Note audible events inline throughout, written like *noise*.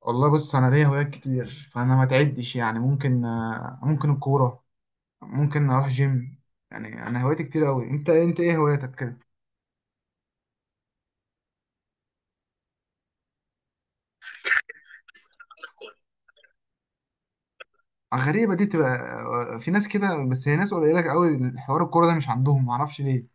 والله بص انا ليا هوايات كتير، فانا ما تعدش. يعني ممكن ممكن الكوره، ممكن اروح جيم. يعني انا هوايتي كتير قوي. انت ايه هواياتك كده؟ غريبه دي تبقى. في ناس كده بس هي ناس قليله قوي، حوار الكوره ده مش عندهم، ما اعرفش ليه.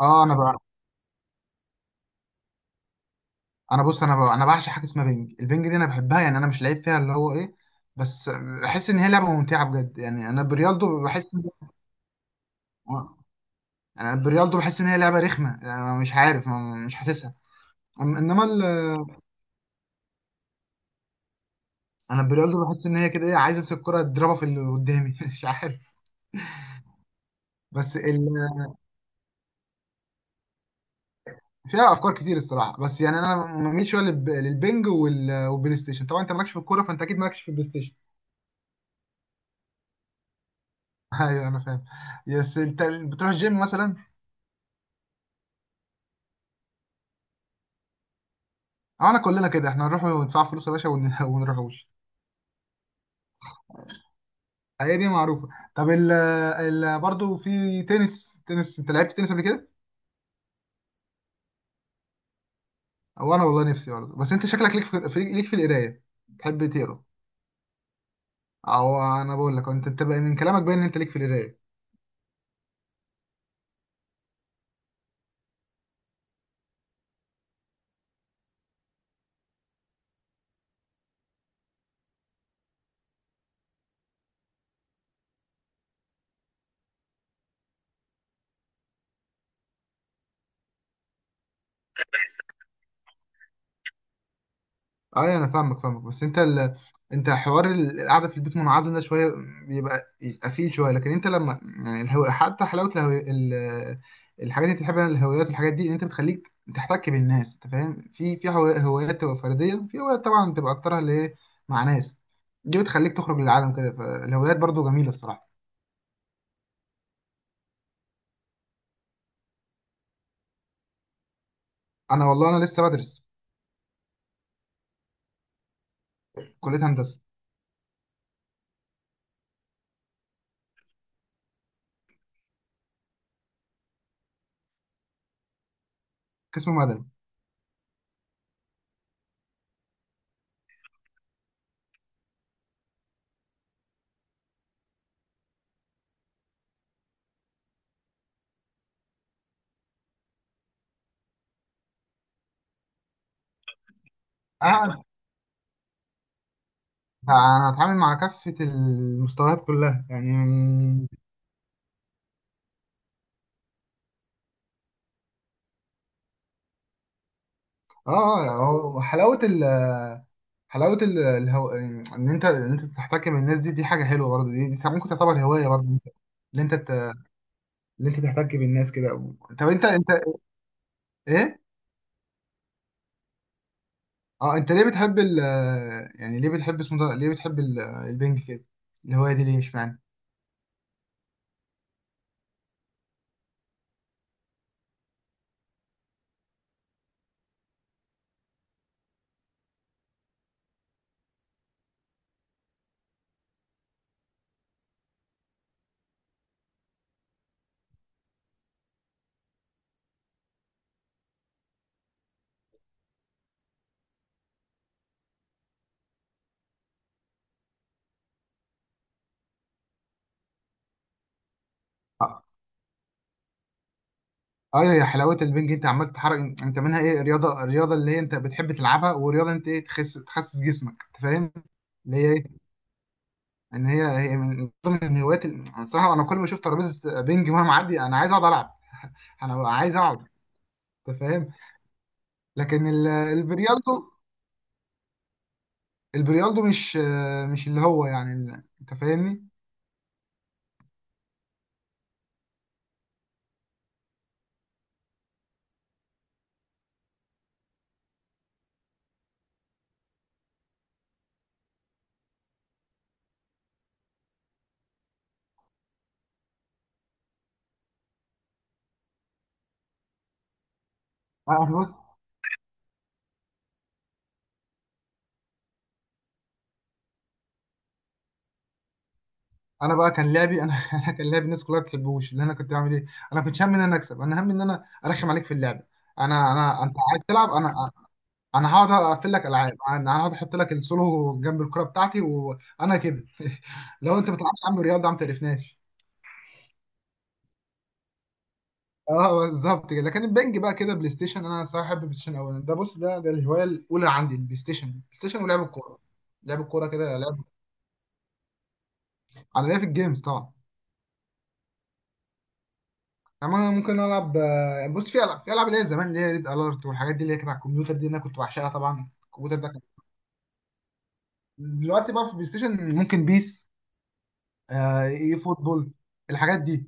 اه انا بقى انا بص انا بقى انا بعشق حاجه اسمها بينج، البينج دي انا بحبها. يعني انا مش لعيب فيها اللي هو ايه، بس بحس ان هي لعبه ممتعه بجد. يعني انا بريالدو بحس آه، يعني انا بريالدو بحس ان هي لعبه رخمه. يعني أنا مش عارف مش حاسسها. أم- انما ال- انا بريالدو بحس ان هي كده ايه، عايز امسك الكره اضربها في اللي قدامي *laughs* مش عارف. بس ال... فيها افكار كتير الصراحه. بس يعني انا ما بميل شويه للبنج والبلاي ستيشن. طبعا انت مالكش في الكوره، فانت اكيد مالكش في البلاي ستيشن. *laughs* ايوه انا فاهم. بس انت بتروح الجيم مثلا؟ اه، انا كلنا كده، احنا نروح وندفع فلوس يا باشا *laughs* ونروحوش. هي دي معروفه. طب برضه في تنس، تنس انت لعبت تنس قبل كده؟ او انا والله نفسي برضه. بس انت شكلك ليك ليك في القرايه، تحب تقرا. او انا بقول لك، انت بقى من كلامك باين ان انت ليك في القرايه. ايوه انا فاهمك. بس انت حوار القعده في البيت منعزل ده شويه، يبقى فيه شويه. لكن انت لما يعني حتى حلاوه الحاجات اللي بتحبها، الهوايات والحاجات دي، ان انت بتخليك تحتك بالناس. انت فاهم؟ هوايات تبقى فرديه، وفي هوايات طبعا تبقى اكترها اللي هي مع ناس، دي بتخليك تخرج للعالم كده. فالهوايات برضو جميله الصراحه. انا والله انا لسه بدرس كليه هندسه، قسم مدني. انا انا هتعامل مع كافه المستويات كلها يعني. اه اه، يعني هو حلاوه ال الهو... ان انت تحتك بالناس، دي دي حاجه حلوه برضه، دي ممكن تعتبر هوايه برضه. اللي انت ت... اللي انت تحتك بالناس كده. طب انت ايه؟ اه، انت ليه بتحب يعني ليه بتحب اسمه ده، ليه بتحب البنج كده، الهوايه دي ليه؟ مش معنى. اه، ايوه، يا حلاوه البنج، انت عمال تتحرك انت منها. ايه رياضه، الرياضه اللي هي انت بتحب تلعبها، ورياضه انت ايه تخس تخسس جسمك، انت فاهم؟ اللي هي ان هي هي من ضمن الهوايات انا صراحه انا كل ما اشوف ترابيزه بينج مهما معدي انا عايز اقعد العب، انا ببقى عايز اقعد، انت فاهم. لكن البريالدو، البريالدو مش مش اللي هو يعني انت فاهمني. انا بص، انا بقى كان لعبي انا *laughs* أنا كان لعبي الناس كلها ما بتحبوش. اللي انا كنت بعمل ايه، انا كنت همي ان انا اكسب، انا همي ان انا ارخم عليك في اللعبه. انا انت عايز تلعب، انا انا هقعد اقفل لك العاب، انا هقعد احط لك السولو جنب الكره بتاعتي وانا كده. لو انت ما بتلعبش يا عم رياضه يا عم تعرفناش. اه بالظبط كده. لكن البنج بقى كده، بلاي ستيشن، انا صراحه بحب البلاي ستيشن اولا. ده بص ده الهوايه الاولى عندي، البلاي ستيشن. دي بلاي ستيشن ولعب الكوره. لعب الكوره كده لعب، على لعب الجيمز طبعا. يعني انا ممكن العب بص في العاب، في العاب اللي هي زمان، اللي هي ريد الارت والحاجات دي اللي هي كانت على الكمبيوتر، دي اللي انا كنت بعشقها. طبعا الكمبيوتر ده كان. دلوقتي بقى في البلاي ستيشن، ممكن بيس، آه، اي فوتبول، الحاجات دي.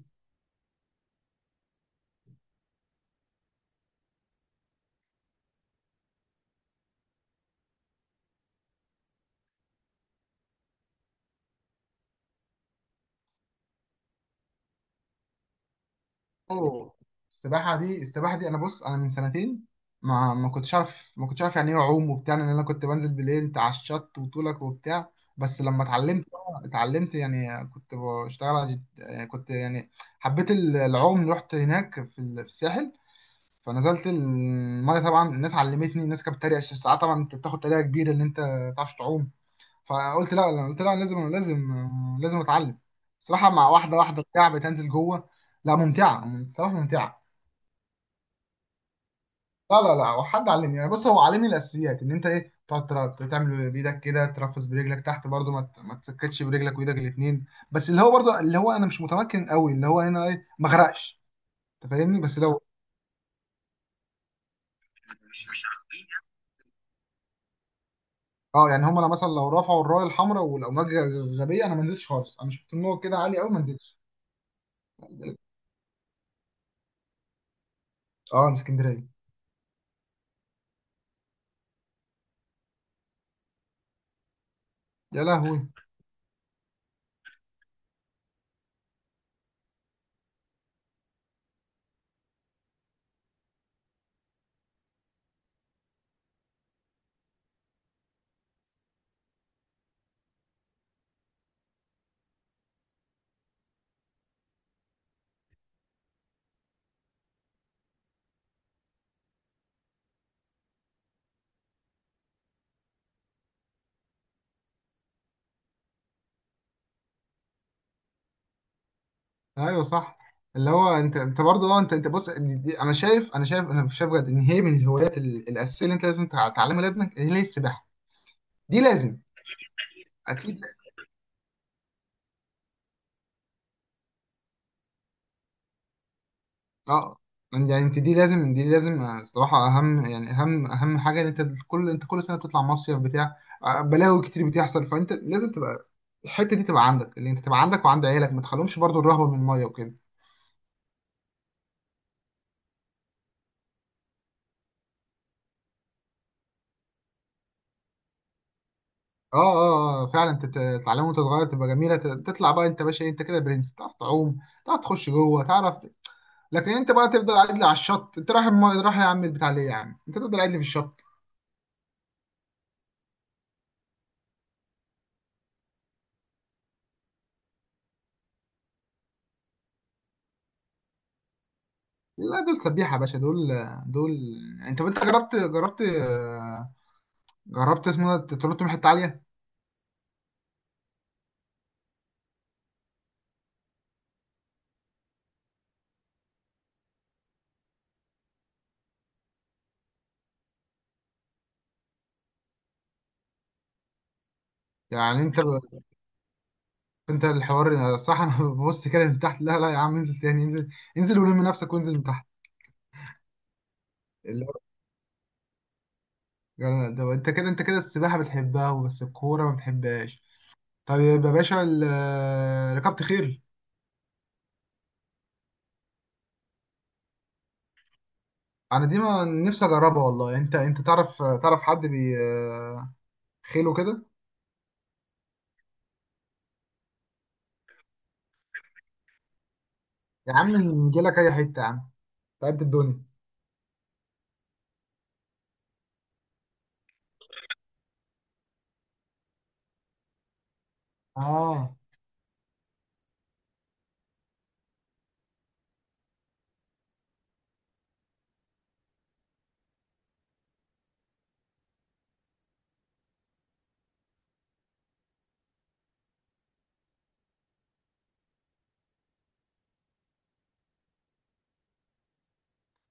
اوه، السباحه دي، السباحه دي انا بص، انا من سنتين ما كنتش اعرف، ما كنتش اعرف يعني ايه اعوم وبتاع، لان انا كنت بنزل بالليل على الشط وطولك وبتاع. بس لما اتعلمت يعني كنت بشتغل يعني كنت يعني حبيت العوم، رحت هناك في في الساحل، فنزلت الميه. طبعا الناس علمتني، الناس كانت بتتريق، عشان ساعات طبعا انت بتاخد تريقه كبيره ان انت ما تعرفش تعوم. فقلت لا لا، قلت لا لازم، لازم لازم اتعلم صراحه. مع واحده واحده بتاع، بتنزل جوه. لا ممتعه صراحه، ممتعه. لا هو حد علمني. يعني بص هو علمني الاساسيات، ان انت ايه تقعد تعمل بايدك كده، ترفس برجلك تحت برضو، ما تسكتش برجلك وايدك الاثنين. بس اللي هو برضو اللي هو انا مش متمكن قوي، اللي هو انا ايه ما اغرقش، انت فاهمني؟ بس لو، اه يعني هم انا مثلا لو رفعوا الرايه الحمراء والامواج غبيه انا ما نزلتش خالص، انا شفت النور كده عالي قوي ما نزلتش. اه، من اسكندريه. يا لهوي. ايوه صح. اللي هو انت برضه اه، انت بص انا شايف، انا شايف، انا شايف بجد ان هي من الهوايات الاساسيه اللي انت لازم تعلمها لابنك، هي السباحه، دي لازم. اكيد. اه يعني انت دي لازم، دي لازم، الصراحه اهم، يعني اهم اهم حاجه. ان انت كل سنه بتطلع مصيف بتاع بلاوي كتير بتحصل، فانت لازم تبقى الحته دي تبقى عندك، اللي انت تبقى عندك وعند عيالك، ما تخليهمش برضو الرهبه من الميه وكده. اه اه، فعلا تتعلم وانت صغير تبقى جميله، تطلع بقى انت باشا، انت كده برنس، تعرف تعوم، تعرف تخش جوه، تعرف. لكن انت بقى تفضل قاعد لي على الشط، انت رايح رايح يا عم بتاع ليه يا عم انت تفضل قاعد لي في الشط. لا دول سبيحة يا باشا، دول دول. انت جربت، جربت، جربت اسمه ده تنط من حتة عالية؟ يعني انت الحوار صح، انا *laughs* ببص كده من تحت، لا لا يا عم انزل تاني، انزل، انزل ولم نفسك وانزل من تحت. اللي هو يعني ده انت كده السباحة بتحبها بس الكورة ما بتحبهاش. طيب يا باشا ركبت خيل؟ انا دي ما نفسي اجربها والله. انت تعرف، تعرف حد بي خيله كده؟ يا عم نجيلك اي حتة يا عم، تعبت الدنيا. اه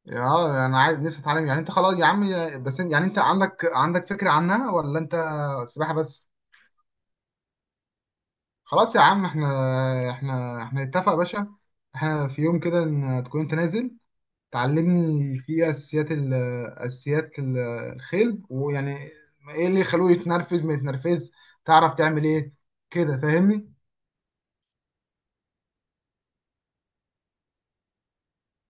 اه، انا عايز نفسي اتعلم يعني. انت خلاص يا عم بس يعني انت عندك فكرة عنها ولا انت سباحة بس؟ خلاص يا عم، احنا نتفق يا باشا، احنا في يوم كده، ان تكون انت نازل تعلمني في اساسيات اساسيات الخيل، ويعني ايه اللي يخلوه يتنرفز ما يتنرفز، تعرف تعمل ايه كده، فاهمني.